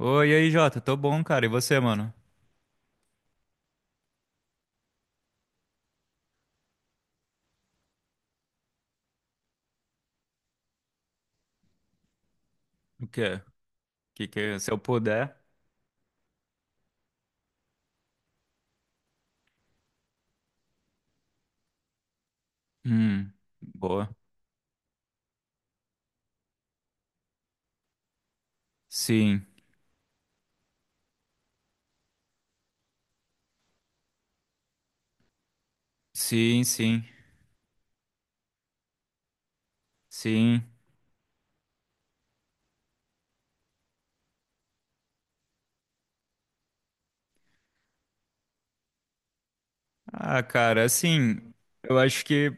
Oi, e aí, Jota, tô bom, cara. E você, mano? O quê? O que que, se eu puder? Hum, boa. Sim, sim, sim, sim. Ah, cara, assim, eu acho que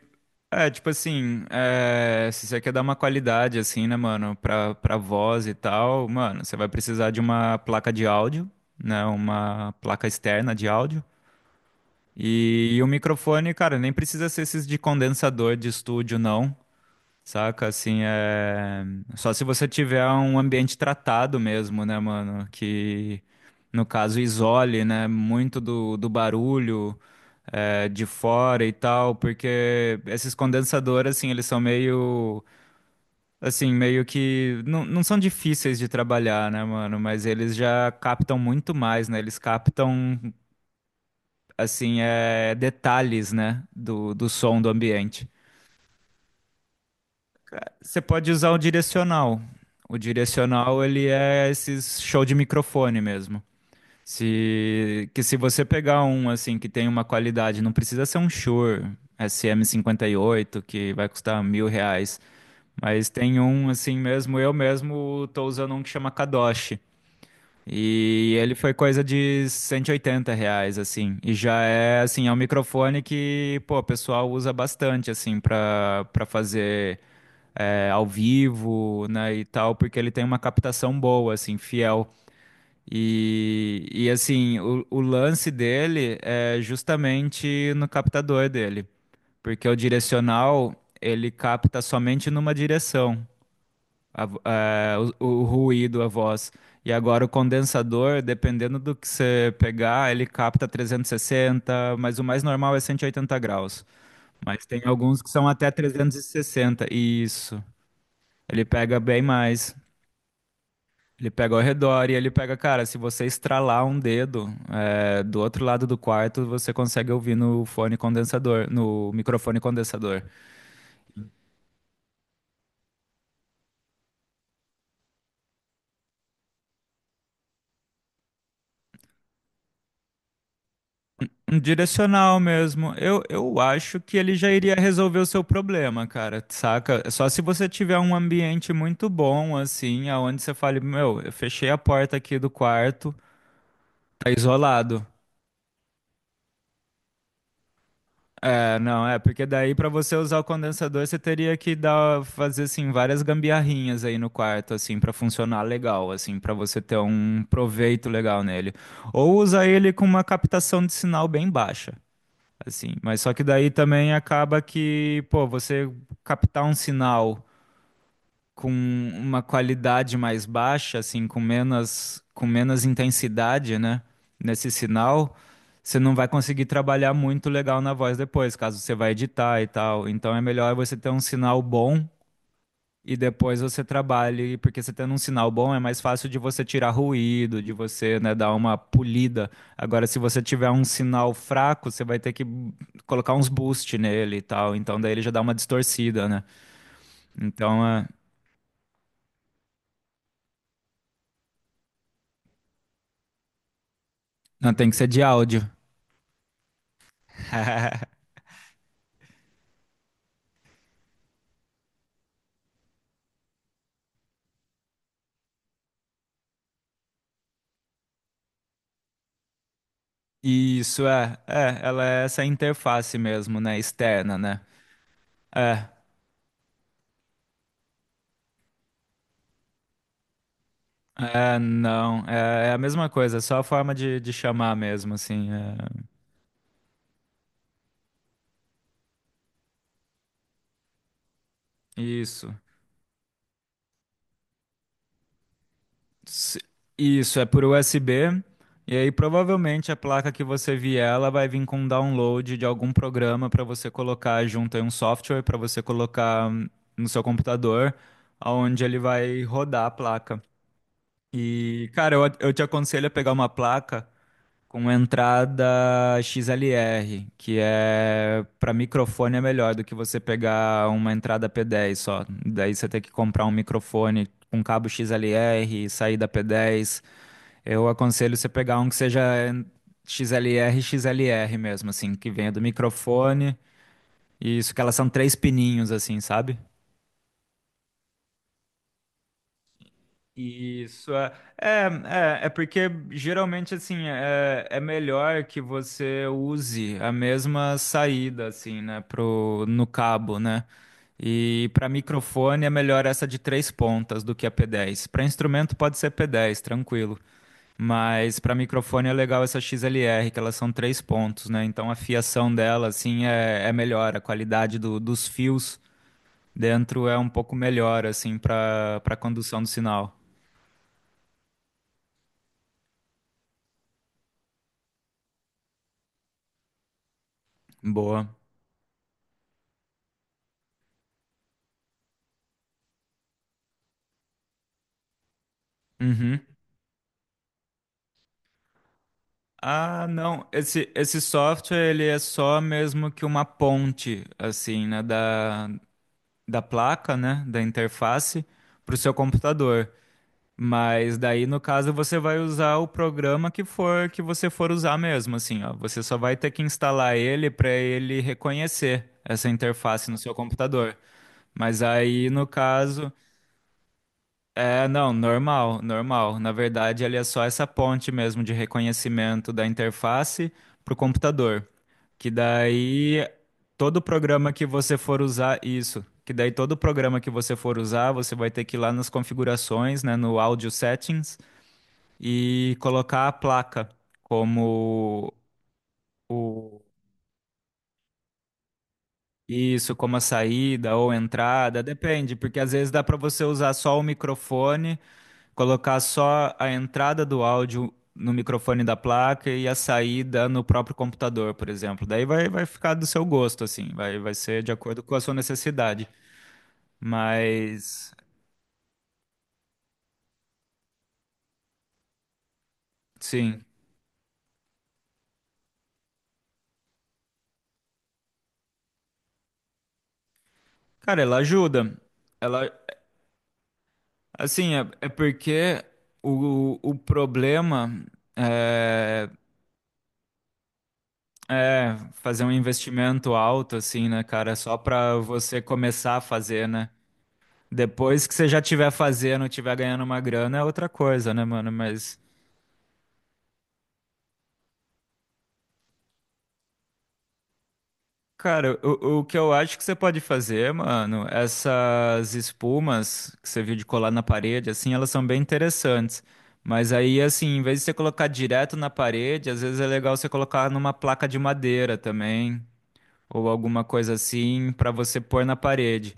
é tipo assim, se você quer dar uma qualidade assim, né, mano, pra voz e tal, mano, você vai precisar de uma placa de áudio, né, uma placa externa de áudio. E o microfone, cara, nem precisa ser esses de condensador de estúdio, não. Saca, assim, é. Só se você tiver um ambiente tratado mesmo, né, mano? Que, no caso, isole, né? Muito do barulho de fora e tal, porque esses condensadores, assim, eles são meio. Assim, meio que. Não, não são difíceis de trabalhar, né, mano? Mas eles já captam muito mais, né? Eles captam, assim, detalhes, né? Do som do ambiente. Você pode usar o direcional. O direcional, ele é esses show de microfone mesmo. Se, Que se você pegar um assim que tem uma qualidade, não precisa ser um Shure SM58 que vai custar R$ 1.000, mas tem um assim mesmo. Eu mesmo tô usando um que chama Kadoshi e ele foi coisa de R$ 180 assim. E já é assim é um microfone que pô, o pessoal usa bastante assim para fazer ao vivo, né, e tal, porque ele tem uma captação boa, assim, fiel. E assim, o lance dele é justamente no captador dele, porque o direcional ele capta somente numa direção o ruído, a voz. E agora o condensador, dependendo do que você pegar, ele capta 360, mas o mais normal é 180 graus. Mas tem alguns que são até 360. Isso. Ele pega bem mais. Ele pega ao redor e ele pega, cara, se você estralar um dedo, do outro lado do quarto, você consegue ouvir no fone condensador, no microfone condensador. Um direcional mesmo. Eu acho que ele já iria resolver o seu problema, cara, saca? Só se você tiver um ambiente muito bom, assim, aonde você fale, meu, eu fechei a porta aqui do quarto, tá isolado. É, não, porque daí pra você usar o condensador, você teria que dar, fazer assim várias gambiarrinhas aí no quarto assim pra funcionar legal, assim, pra você ter um proveito legal nele. Ou usar ele com uma captação de sinal bem baixa, assim, mas só que daí também acaba que, pô, você captar um sinal com uma qualidade mais baixa, assim, com menos intensidade, né? Nesse sinal, você não vai conseguir trabalhar muito legal na voz depois, caso você vá editar e tal. Então é melhor você ter um sinal bom e depois você trabalhe, porque você tendo um sinal bom é mais fácil de você tirar ruído, de você, né, dar uma polida. Agora, se você tiver um sinal fraco, você vai ter que colocar uns boost nele e tal. Então daí ele já dá uma distorcida, né? Então é... não, tem que ser de áudio. Isso é, ela é essa interface mesmo, né? Externa, né? É, é, não, é a mesma coisa, é só a forma de chamar mesmo, assim. Isso. Se- Isso, é por USB, e aí provavelmente a placa que você vier, ela vai vir com download de algum programa para você colocar junto aí um software para você colocar no seu computador, aonde ele vai rodar a placa. E, cara, eu te aconselho a pegar uma placa. Com entrada XLR, que é para microfone é melhor do que você pegar uma entrada P10 só. Daí você tem que comprar um microfone com cabo XLR, saída P10. Eu aconselho você pegar um que seja XLR, XLR mesmo, assim, que venha do microfone. E isso que elas são três pininhos, assim, sabe? Isso é, é porque geralmente assim é melhor que você use a mesma saída assim, né, pro no cabo, né? E para microfone é melhor essa de três pontas do que a P10. Para instrumento pode ser P10, tranquilo, mas para microfone é legal essa XLR, que elas são três pontos, né? Então a fiação dela assim é melhor, a qualidade dos fios dentro é um pouco melhor assim para condução do sinal. Boa. Uhum. Ah, não. Esse software ele é só mesmo que uma ponte, assim, né, da placa, né, da interface para o seu computador. Mas daí, no caso, você vai usar o programa que você for usar mesmo, assim, ó. Você só vai ter que instalar ele para ele reconhecer essa interface no seu computador. Mas aí, no caso. É, não, normal, normal. Na verdade, ele é só essa ponte mesmo de reconhecimento da interface para o computador. Que daí todo programa que você for usar, isso, que daí todo programa que você for usar, você vai ter que ir lá nas configurações, né, no Audio Settings e colocar a placa como o isso, como a saída ou entrada, depende, porque às vezes dá para você usar só o microfone. Colocar só a entrada do áudio no microfone da placa e a saída no próprio computador, por exemplo. Daí vai ficar do seu gosto, assim, vai ser de acordo com a sua necessidade. Mas, sim. Cara, ela ajuda. Ela, assim, é porque o problema é, é fazer um investimento alto, assim, né, cara? Só pra você começar a fazer, né? Depois que você já tiver fazendo, tiver ganhando uma grana, é outra coisa, né, mano? Mas, cara, o que eu acho que você pode fazer, mano, essas espumas que você viu de colar na parede, assim, elas são bem interessantes. Mas aí, assim, em vez de você colocar direto na parede, às vezes é legal você colocar numa placa de madeira também, ou alguma coisa assim, pra você pôr na parede.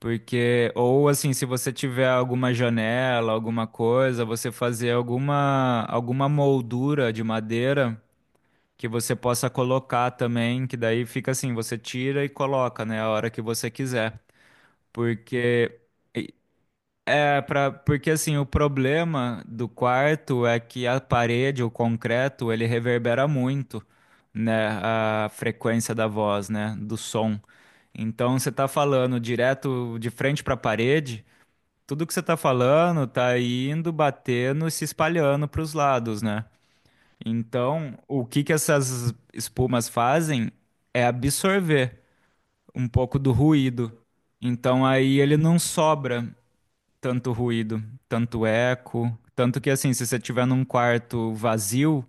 Porque, ou assim, se você tiver alguma janela, alguma coisa, você fazer alguma moldura de madeira que você possa colocar também, que daí fica assim, você tira e coloca, né, a hora que você quiser. Porque, porque assim, o problema do quarto é que a parede, o concreto, ele reverbera muito, né, a frequência da voz, né, do som. Então, você tá falando direto de frente para a parede, tudo que você tá falando tá indo, batendo e se espalhando para os lados, né? Então, o que que essas espumas fazem é absorver um pouco do ruído. Então, aí ele não sobra tanto ruído, tanto eco. Tanto que, assim, se você tiver num quarto vazio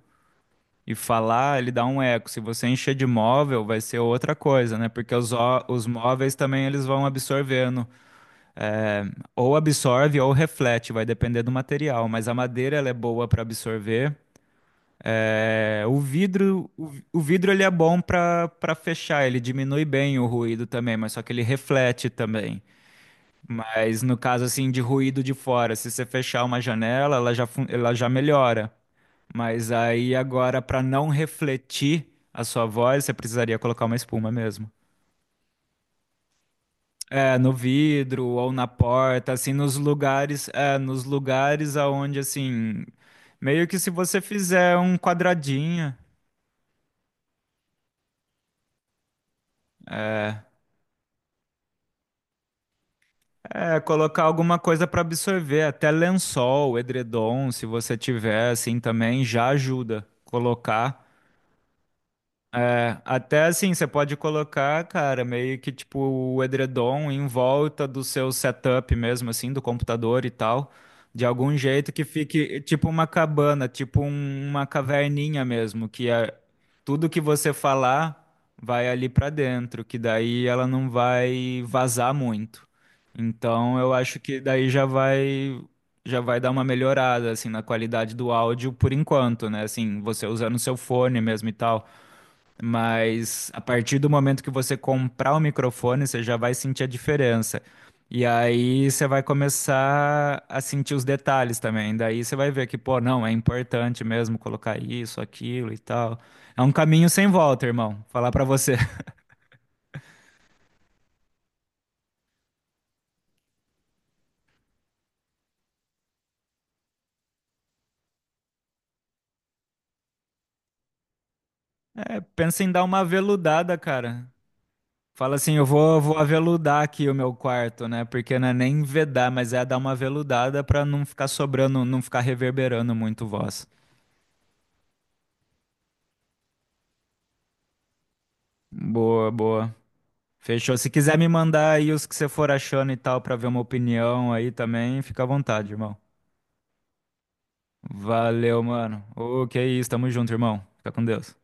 e falar, ele dá um eco. Se você encher de móvel, vai ser outra coisa, né? Porque os móveis também eles vão absorvendo é, ou absorve ou reflete, vai depender do material, mas a madeira ela é boa para absorver. É, o vidro, o vidro ele é bom para fechar, ele diminui bem o ruído também, mas só que ele reflete também. Mas no caso assim de ruído de fora, se você fechar uma janela, ela já melhora. Mas aí agora para não refletir a sua voz, você precisaria colocar uma espuma mesmo. É, no vidro ou na porta, assim, nos lugares, nos lugares aonde, assim, meio que se você fizer um quadradinho, colocar alguma coisa para absorver, até lençol, edredom, se você tiver, assim, também já ajuda colocar. É, até assim, você pode colocar, cara, meio que tipo o edredom em volta do seu setup mesmo, assim, do computador e tal, de algum jeito que fique tipo uma cabana, tipo uma caverninha mesmo, tudo que você falar vai ali pra dentro, que daí ela não vai vazar muito. Então, eu acho que daí já vai dar uma melhorada assim na qualidade do áudio por enquanto, né? Assim, você usando seu fone mesmo e tal. Mas a partir do momento que você comprar o microfone, você já vai sentir a diferença. E aí você vai começar a sentir os detalhes também. Daí você vai ver que, pô, não, é importante mesmo colocar isso, aquilo e tal. É um caminho sem volta, irmão. Falar pra você. É, pensa em dar uma aveludada, cara. Fala assim, eu vou aveludar aqui o meu quarto, né? Porque não é nem vedar, mas é dar uma aveludada pra não ficar sobrando, não ficar reverberando muito voz. Boa, boa. Fechou. Se quiser me mandar aí os que você for achando e tal, pra ver uma opinião aí também, fica à vontade, irmão. Valeu, mano. Ô, que isso, tamo junto, irmão. Fica com Deus.